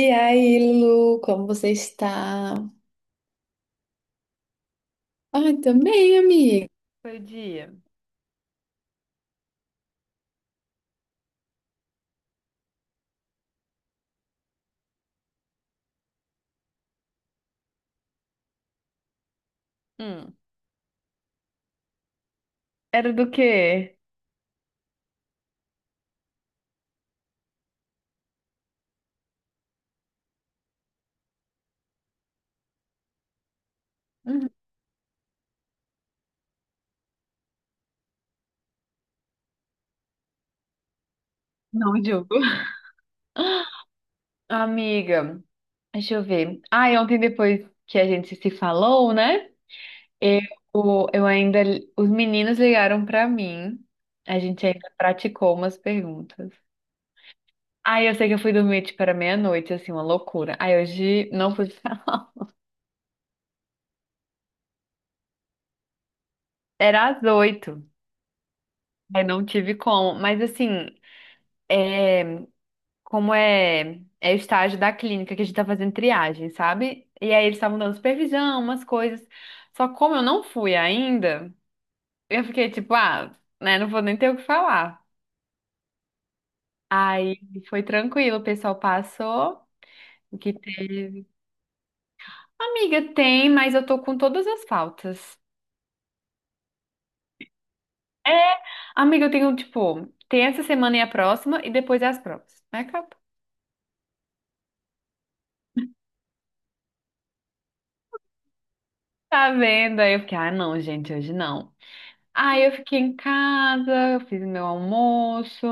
E aí, Lu, como você está? Ai, também, amiga. Foi dia. Hum. Era do quê? Hum. Não, Diogo. Amiga, deixa eu ver. Ah, e ontem depois que a gente se falou, né? Eu ainda. Os meninos ligaram pra mim. A gente ainda praticou umas perguntas. Aí eu sei que eu fui dormir tipo era meia-noite, assim, uma loucura. Aí hoje não pude falar. Era às oito. Aí não tive como. Mas assim, é. Como é, o estágio da clínica que a gente tá fazendo triagem, sabe? E aí eles estavam dando supervisão, umas coisas. Só como eu não fui ainda, eu fiquei tipo, ah, né, não vou nem ter o que falar. Aí foi tranquilo, o pessoal passou, o que teve. Amiga, tem, mas eu tô com todas as faltas. É, amiga, eu tenho, tipo, tem essa semana e a próxima, e depois é as provas. Aí acabou. Tá vendo? Aí eu fiquei, ah, não, gente, hoje não. Aí eu fiquei em casa, eu fiz meu almoço,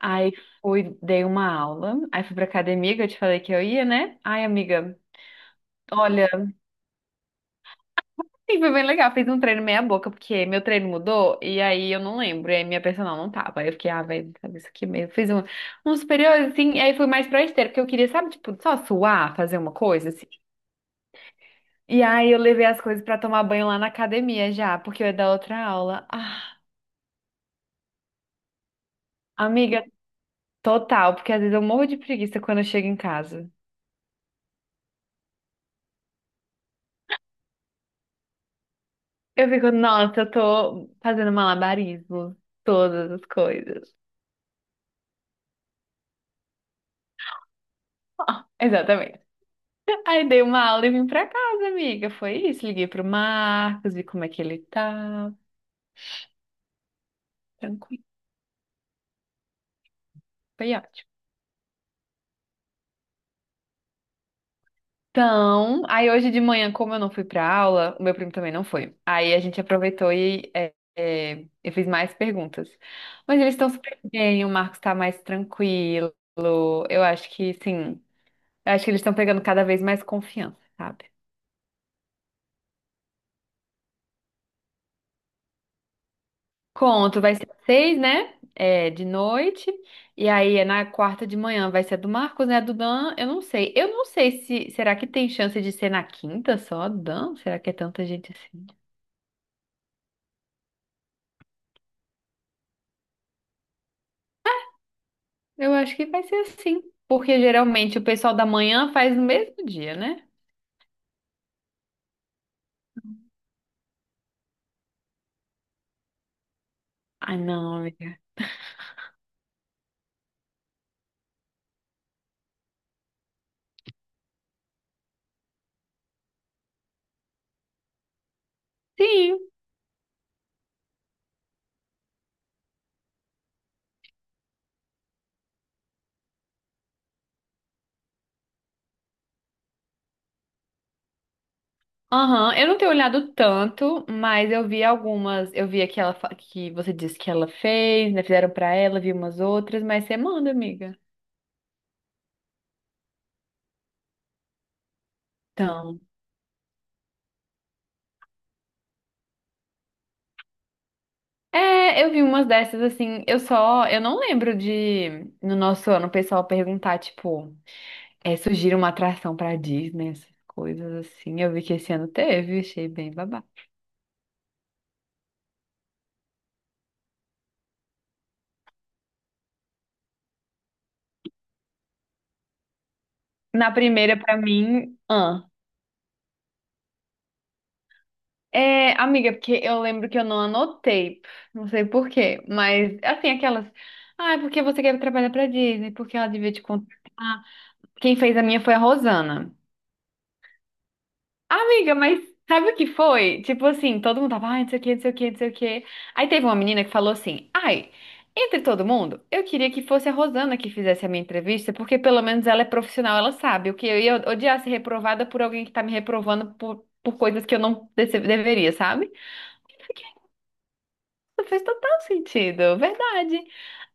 aí fui, dei uma aula, aí fui pra academia, que eu te falei que eu ia, né? Ai, amiga, olha, sim, foi bem legal, fiz um treino meia boca, porque meu treino mudou, e aí eu não lembro, e aí minha personal não tava, aí eu fiquei, ah, velho, sabe isso aqui mesmo, fiz um, um superior, assim, e aí fui mais pra esteira, porque eu queria, sabe, tipo, só suar, fazer uma coisa, assim. E aí eu levei as coisas pra tomar banho lá na academia já, porque eu ia dar outra aula. Ah, amiga, total, porque às vezes eu morro de preguiça quando eu chego em casa. Eu fico, nossa, eu tô fazendo malabarismo, todas as coisas. Exatamente. Aí dei uma aula e vim pra casa, amiga. Foi isso. Liguei pro Marcos, vi como é que ele tá. Tranquilo. Foi ótimo. Então, aí hoje de manhã, como eu não fui pra aula, o meu primo também não foi. Aí a gente aproveitou e eu fiz mais perguntas. Mas eles estão super bem, o Marcos tá mais tranquilo. Eu acho que sim. Eu acho que eles estão pegando cada vez mais confiança, sabe? Conto, vai ser seis, né? É, de noite. E aí é na quarta de manhã vai ser a do Marcos, né? A do Dan, eu não sei. Eu não sei se. Será que tem chance de ser na quinta só, a do Dan? Será que é tanta gente assim? Eu acho que vai ser assim. Porque geralmente o pessoal da manhã faz no mesmo dia, né? Ai, não, amiga. Sim. Aham, eu não tenho olhado tanto, mas eu vi algumas. Eu vi aquela que você disse que ela fez, né? Fizeram pra ela, vi umas outras, mas você manda, amiga. Então. É, eu vi umas dessas assim. Eu só. Eu não lembro de, no nosso ano, o pessoal perguntar, tipo, é, sugira uma atração pra Disney, essas coisas assim. Eu vi que esse ano teve, achei bem babá. Na primeira, pra mim. É, amiga, porque eu lembro que eu não anotei, não sei por quê, mas assim, aquelas. Ah, é porque você quer trabalhar pra Disney, porque ela devia te contratar. Quem fez a minha foi a Rosana. Amiga, mas sabe o que foi? Tipo assim, todo mundo tava, ai, não sei o que, não sei o que, não sei o que. Aí teve uma menina que falou assim: ai, entre todo mundo, eu queria que fosse a Rosana que fizesse a minha entrevista, porque pelo menos ela é profissional, ela sabe. O que eu ia odiar ser reprovada por alguém que tá me reprovando por coisas que eu não deveria, sabe? Fez total sentido, verdade.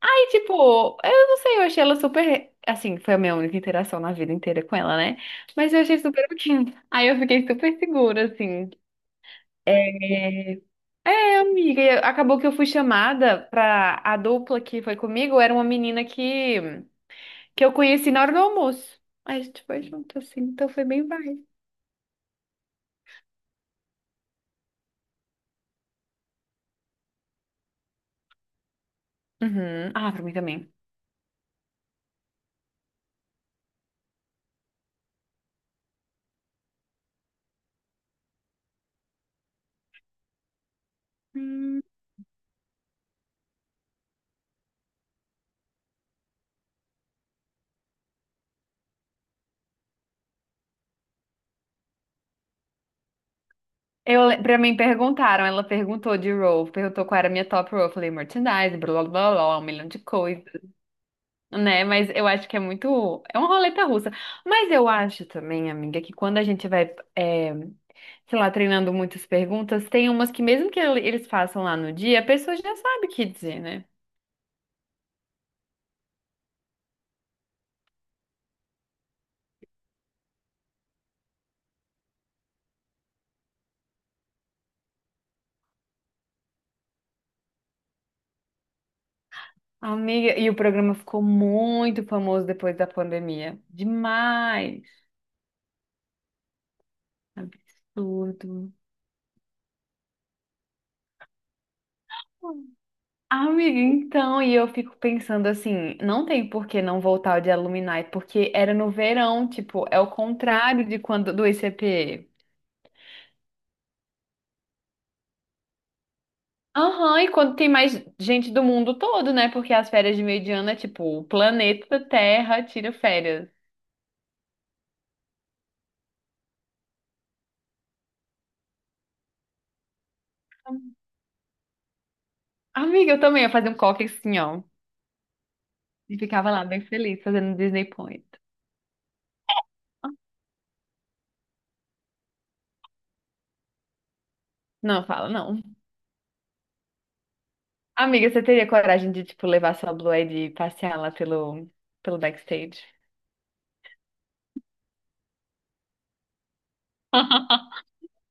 Aí, tipo, eu não sei, eu achei ela super. Assim, foi a minha única interação na vida inteira com ela, né? Mas eu achei super ok. Aí eu fiquei super segura, assim. É, amiga, e acabou que eu fui chamada pra a dupla que foi comigo, era uma menina que eu conheci na hora do almoço. Aí a gente foi junto, assim, então foi bem vibe. Uhum. Ah, pra mim também. Hum. Eu, pra mim perguntaram, ela perguntou de role, perguntou qual era a minha top role. Eu falei merchandise, blá blá blá, blá, um milhão de coisas. Né, mas eu acho que é muito. É uma roleta russa. Mas eu acho também, amiga, que quando a gente vai, é, sei lá, treinando muitas perguntas, tem umas que, mesmo que eles façam lá no dia, a pessoa já sabe o que dizer, né? Amiga, e o programa ficou muito famoso depois da pandemia. Demais. Absurdo. Amiga, então, e eu fico pensando assim, não tem por que não voltar o de Alumni, porque era no verão, tipo, é o contrário de quando do ICP. Aham, e quando tem mais gente do mundo todo, né? Porque as férias de meio de ano é tipo, o planeta Terra tira férias. Amiga, eu também ia fazer um coque assim, ó. E ficava lá bem feliz fazendo Disney Point. Não, fala, não. Amiga, você teria coragem de, tipo, levar sua Blue Ed e passear lá pelo, pelo backstage?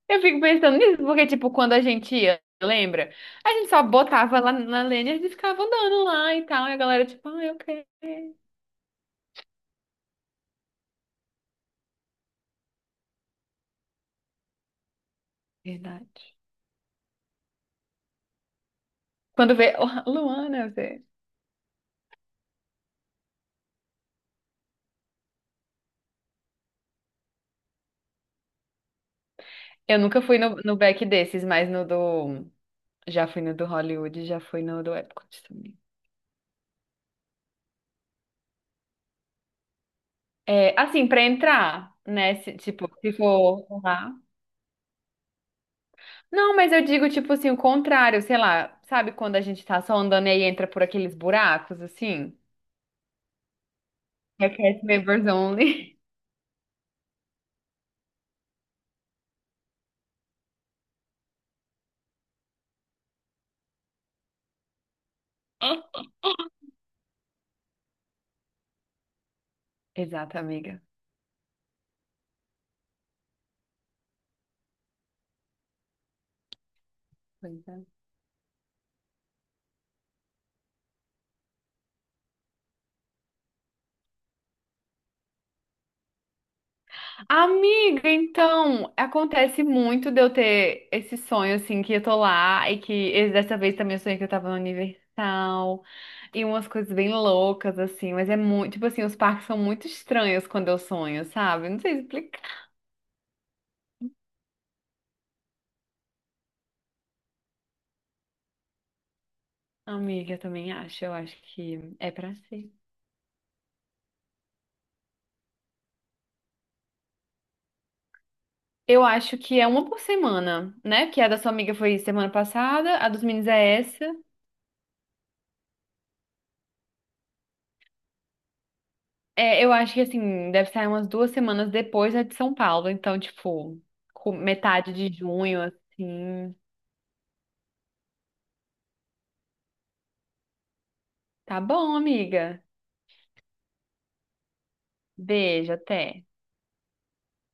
Eu fico pensando nisso, porque, tipo, quando a gente ia, lembra? A gente só botava lá na Lanyard e ficava andando lá e tal. E a galera, tipo, ah, eu quero. Verdade. Quando vê, oh, Luana, você. Eu nunca fui no, no back desses, mas no do. Já fui no do Hollywood, já fui no do Epcot também. É, assim, pra entrar, né? Tipo, se for lá. Não, mas eu digo, tipo assim, o contrário, sei lá. Sabe quando a gente tá só andando e aí entra por aqueles buracos, assim? Request members only. Exato, amiga. Pois é. Amiga, então, acontece muito de eu ter esse sonho, assim, que eu tô lá e que dessa vez também eu sonhei que eu tava no Universal e umas coisas bem loucas, assim, mas é muito, tipo assim, os parques são muito estranhos quando eu sonho, sabe? Não sei explicar. Amiga, eu também acho, eu acho que é pra ser. Eu acho que é uma por semana, né? Que a da sua amiga foi semana passada, a dos meninos é essa. É, eu acho que assim, deve sair umas duas semanas depois, né, de São Paulo. Então, tipo, com metade de junho, assim. Tá bom, amiga. Beijo, até.